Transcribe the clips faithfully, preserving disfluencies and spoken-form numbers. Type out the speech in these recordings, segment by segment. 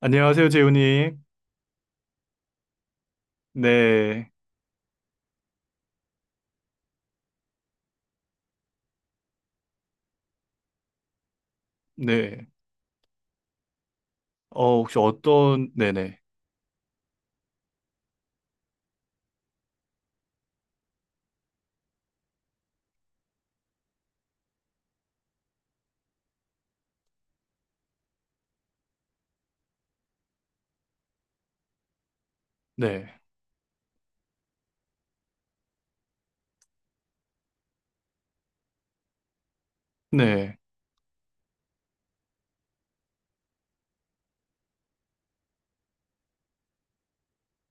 안녕하세요, 재훈님. 네, 네. 어, 혹시 어떤, 네네, 네, 네.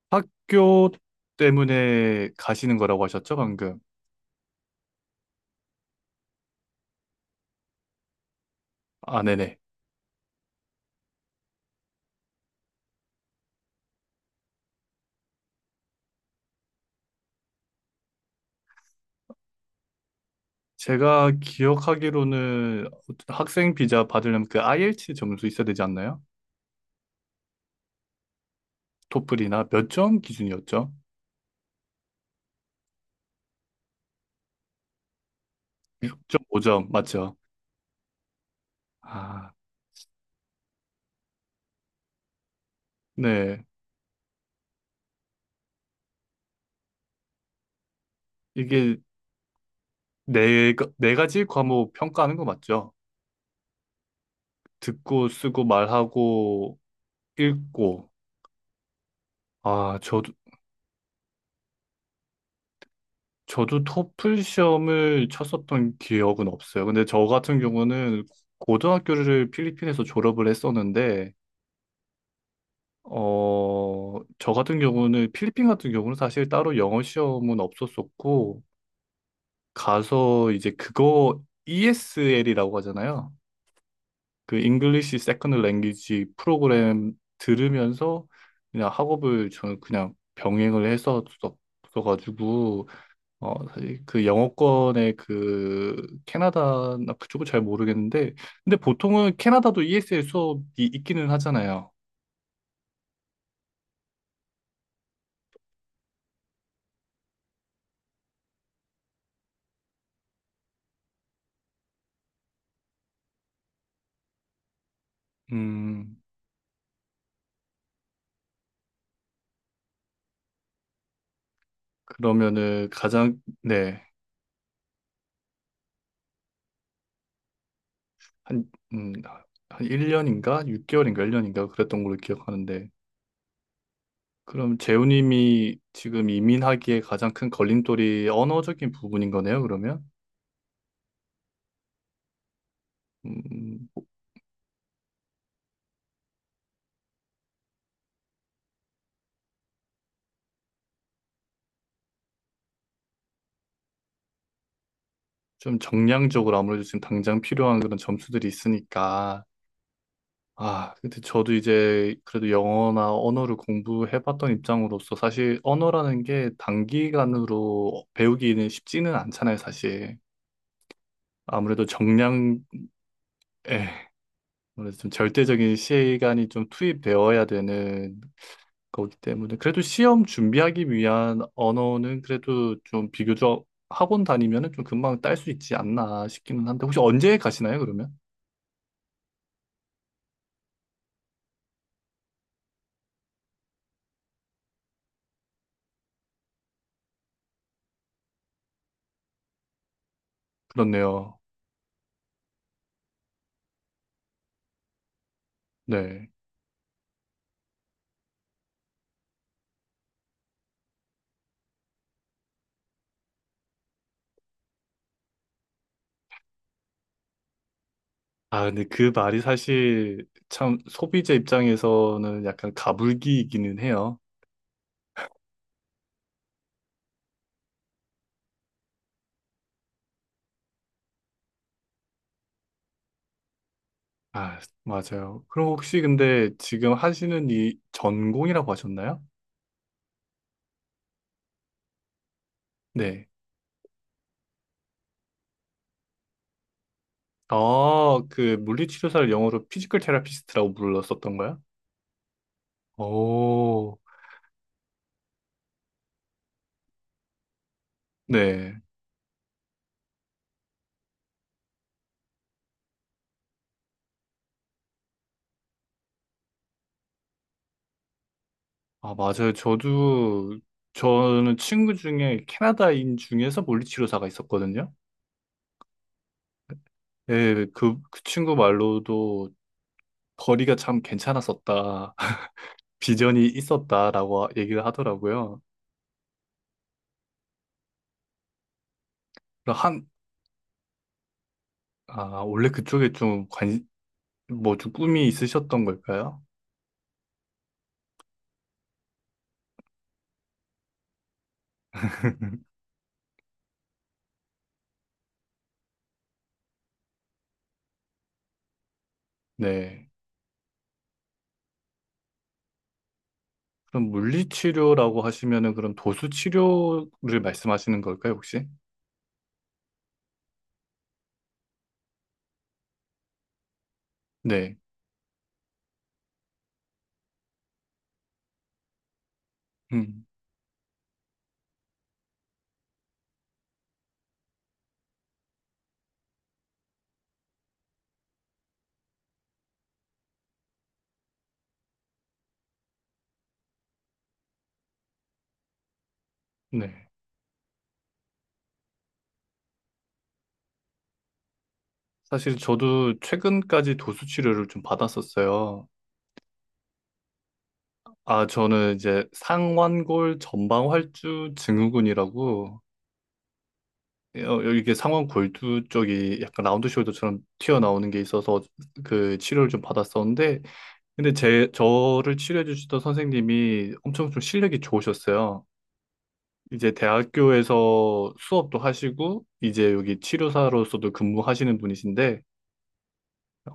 학교 때문에 가시는 거라고 하셨죠, 방금? 아, 네네. 제가 기억하기로는 학생 비자 받으려면 그 아이 이 엘 티 점수 있어야 되지 않나요? 토플이나 몇 점 기준이었죠? 육 점 오 점, 맞죠? 아, 네. 이게 네, 가- 네 가지 과목 평가하는 거 맞죠? 듣고, 쓰고, 말하고, 읽고. 아, 저, 저도 토플 시험을 쳤었던 기억은 없어요. 근데 저 같은 경우는 고등학교를 필리핀에서 졸업을 했었는데, 어, 저 같은 경우는 필리핀 같은 경우는 사실 따로 영어 시험은 없었었고, 가서 이제 그거 이에스엘이라고 하잖아요. 그 English Second Language 프로그램 들으면서 그냥 학업을 저는 그냥 병행을 했었어가지고, 어, 사실 그 영어권의 그 캐나다나 그쪽은 잘 모르겠는데, 근데 보통은 캐나다도 이에스엘 수업이 있기는 하잖아요. 음, 그러면은 가장, 네, 한, 음, 아, 한 일 년인가? 육 개월인가? 일 년인가? 그랬던 걸로 기억하는데, 그럼 재우님이 지금 이민하기에 가장 큰 걸림돌이 언어적인 부분인 거네요, 그러면? 음, 좀 정량적으로 아무래도 지금 당장 필요한 그런 점수들이 있으니까, 아, 근데 저도 이제 그래도 영어나 언어를 공부해봤던 입장으로서 사실 언어라는 게 단기간으로 배우기는 쉽지는 않잖아요, 사실. 아무래도 정량, 에, 아무래도 좀 절대적인 시간이 좀 투입되어야 되는 거기 때문에 그래도 시험 준비하기 위한 언어는 그래도 좀 비교적 학원 다니면은 좀 금방 딸 수 있지 않나 싶기는 한데 혹시 언제 가시나요, 그러면? 그렇네요. 네. 아, 근데 그 말이 사실 참 소비자 입장에서는 약간 가불기이기는 해요. 아, 맞아요. 그럼 혹시 근데 지금 하시는 이 전공이라고 하셨나요? 네. 아, 그 물리치료사를 영어로 피지컬 테라피스트라고 불렀었던 거야? 오, 네. 아, 맞아요. 저도, 저는 친구 중에 캐나다인 중에서 물리치료사가 있었거든요. 예, 그, 그 친구 말로도 거리가 참 괜찮았었다. 비전이 있었다라고 얘기를 하더라고요. 그래서 한, 아, 원래 그쪽에 좀 관, 뭐 좀 꿈이 있으셨던 걸까요? 네. 그럼 물리치료라고 하시면은 그럼 도수치료를 말씀하시는 걸까요, 혹시? 네. 음, 네. 사실 저도 최근까지 도수치료를 좀 받았었어요. 아, 저는 이제 상완골 전방활주 증후군이라고 어, 여기 이게 상원 골두 쪽이 약간 라운드 숄더처럼 튀어나오는 게 있어서 그 치료를 좀 받았었는데, 근데 제, 저를 치료해 주시던 선생님이 엄청 좀 실력이 좋으셨어요. 이제 대학교에서 수업도 하시고, 이제 여기 치료사로서도 근무하시는 분이신데,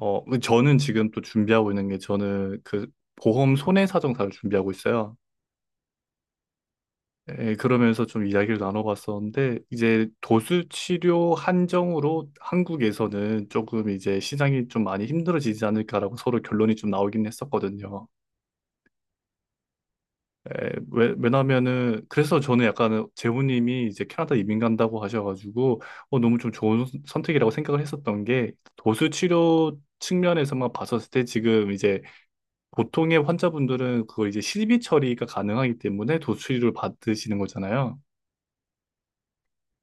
어, 저는 지금 또 준비하고 있는 게 저는 그 보험 손해사정사를 준비하고 있어요. 예, 그러면서 좀 이야기를 나눠봤었는데, 이제 도수치료 한정으로 한국에서는 조금 이제 시장이 좀 많이 힘들어지지 않을까라고 서로 결론이 좀 나오긴 했었거든요. 예, 왜, 왜냐면은, 그래서 저는 약간 재훈님이 이제 캐나다 이민 간다고 하셔가지고, 어, 너무 좀 좋은 선택이라고 생각을 했었던 게, 도수치료 측면에서만 봤었을 때 지금 이제 보통의 환자분들은 그걸 이제 실비 처리가 가능하기 때문에 도수치료를 받으시는 거잖아요.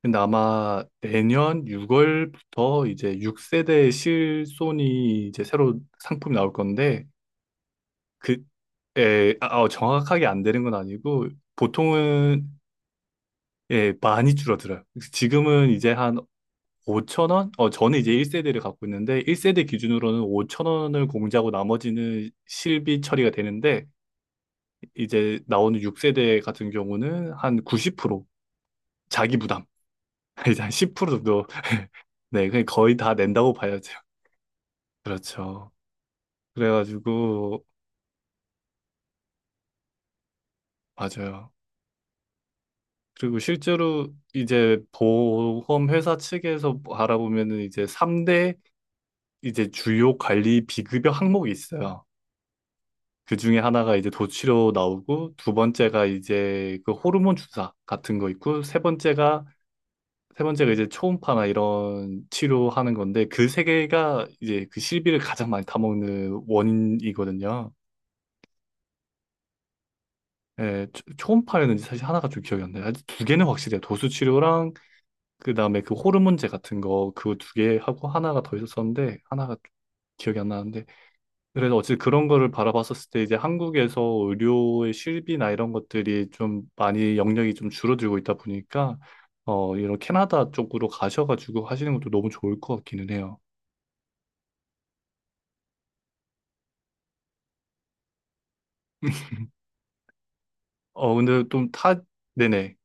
근데 아마 내년 유월부터 이제 육 세대 실손이 이제 새로 상품이 나올 건데 그에 아, 어, 정확하게 안 되는 건 아니고 보통은 예, 많이 줄어들어요. 지금은 이제 한 오천 원? 어, 저는 이제 일 세대를 갖고 있는데 일 세대 기준으로는 오천 원을 공제하고 나머지는 실비 처리가 되는데 이제 나오는 육 세대 같은 경우는 한 구십 퍼센트 자기 부담, 이제 한 십 퍼센트 정도. 네, 그냥 거의 다 낸다고 봐야죠. 그렇죠. 그래가지고, 맞아요. 그리고 실제로 이제 보험 회사 측에서 알아보면은 이제 삼 대 이제 주요 관리 비급여 항목이 있어요. 그 중에 하나가 이제 도치료 나오고, 두 번째가 이제 그 호르몬 주사 같은 거 있고, 세 번째가, 세 번째가 이제 초음파나 이런 치료하는 건데, 그 세 개가 이제 그 실비를 가장 많이 타먹는 원인이거든요. 예, 초- 초음파였는지 사실 하나가 좀 기억이 안 나요. 아직 두 개는 확실해요. 도수치료랑 그 다음에 그 호르몬제 같은 거 그거 두 개 하고 하나가 더 있었었는데 하나가 기억이 안 나는데 그래서 어쨌든 그런 거를 바라봤었을 때 이제 한국에서 의료의 실비나 이런 것들이 좀 많이 영역이 좀 줄어들고 있다 보니까 어 이런 캐나다 쪽으로 가셔가지고 하시는 것도 너무 좋을 것 같기는 해요. 어 근데 좀 타 네네.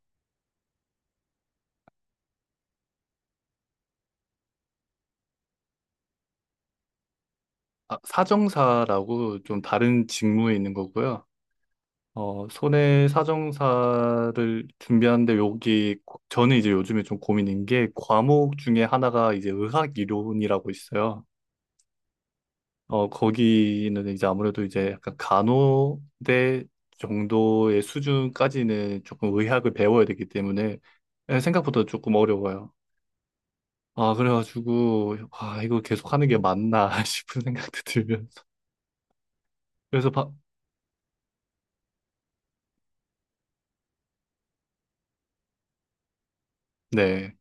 아, 사정사라고 좀 다른 직무에 있는 거고요. 어, 손해사정사를 준비하는데 여기 고- 저는 이제 요즘에 좀 고민인 게 과목 중에 하나가 이제 의학이론이라고 있어요. 어, 거기는 이제 아무래도 이제 약간 간호대 정도의 수준까지는 조금 의학을 배워야 되기 때문에 예, 생각보다 조금 어려워요. 아, 그래가지고 아, 이거 계속 하는 게 맞나 싶은 생각도 들면서 그래서 바, 네.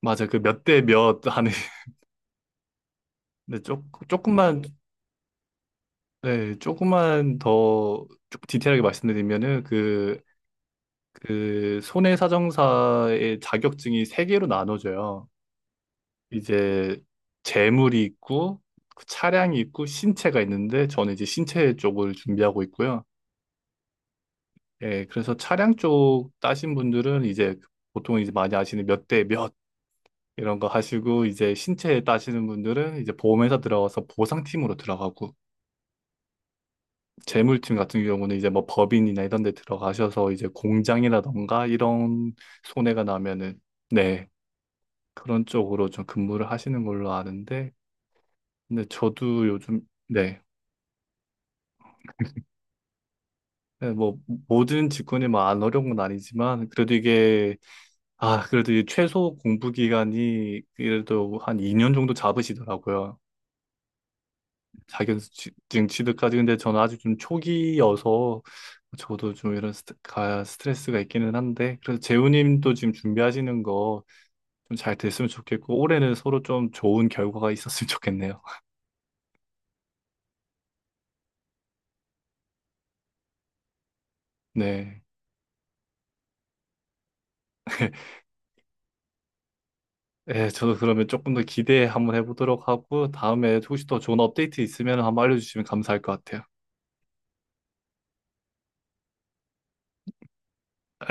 맞아. 그 몇 대 몇 하는. 근데 조, 조금만, 네, 조금만 더 조금 디테일하게 말씀드리면은 그, 그 손해사정사의 자격증이 세 개로 나눠져요. 이제 재물이 있고 그 차량이 있고 신체가 있는데 저는 이제 신체 쪽을 준비하고 있고요. 예, 그래서 차량 쪽 따신 분들은 이제 보통 이제 많이 아시는 몇 대 몇 이런 거 하시고, 이제 신체 따시는 분들은 이제 보험회사 들어가서 보상팀으로 들어가고, 재물팀 같은 경우는 이제 뭐 법인이나 이런 데 들어가셔서 이제 공장이라던가 이런 손해가 나면은 네, 그런 쪽으로 좀 근무를 하시는 걸로 아는데 근데 저도 요즘. 네. 네, 뭐 모든 직군이 뭐 안 어려운 건 아니지만 그래도 이게, 아, 그래도 이 최소 공부 기간이 그래도 한 이 년 정도 잡으시더라고요. 자격증 취득까지. 근데 저는 아직 좀 초기여서 저도 좀 이런 스트, 가, 스트레스가 있기는 한데 그래서 재우님도 지금 준비하시는 거 좀 잘 됐으면 좋겠고 올해는 서로 좀 좋은 결과가 있었으면 좋겠네요. 네. 예, 저도 그러면 조금 더 기대 한번 해보도록 하고 다음에 혹시 더 좋은 업데이트 있으면 한번 알려주시면 감사할 것 같아요.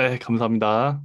예, 감사합니다.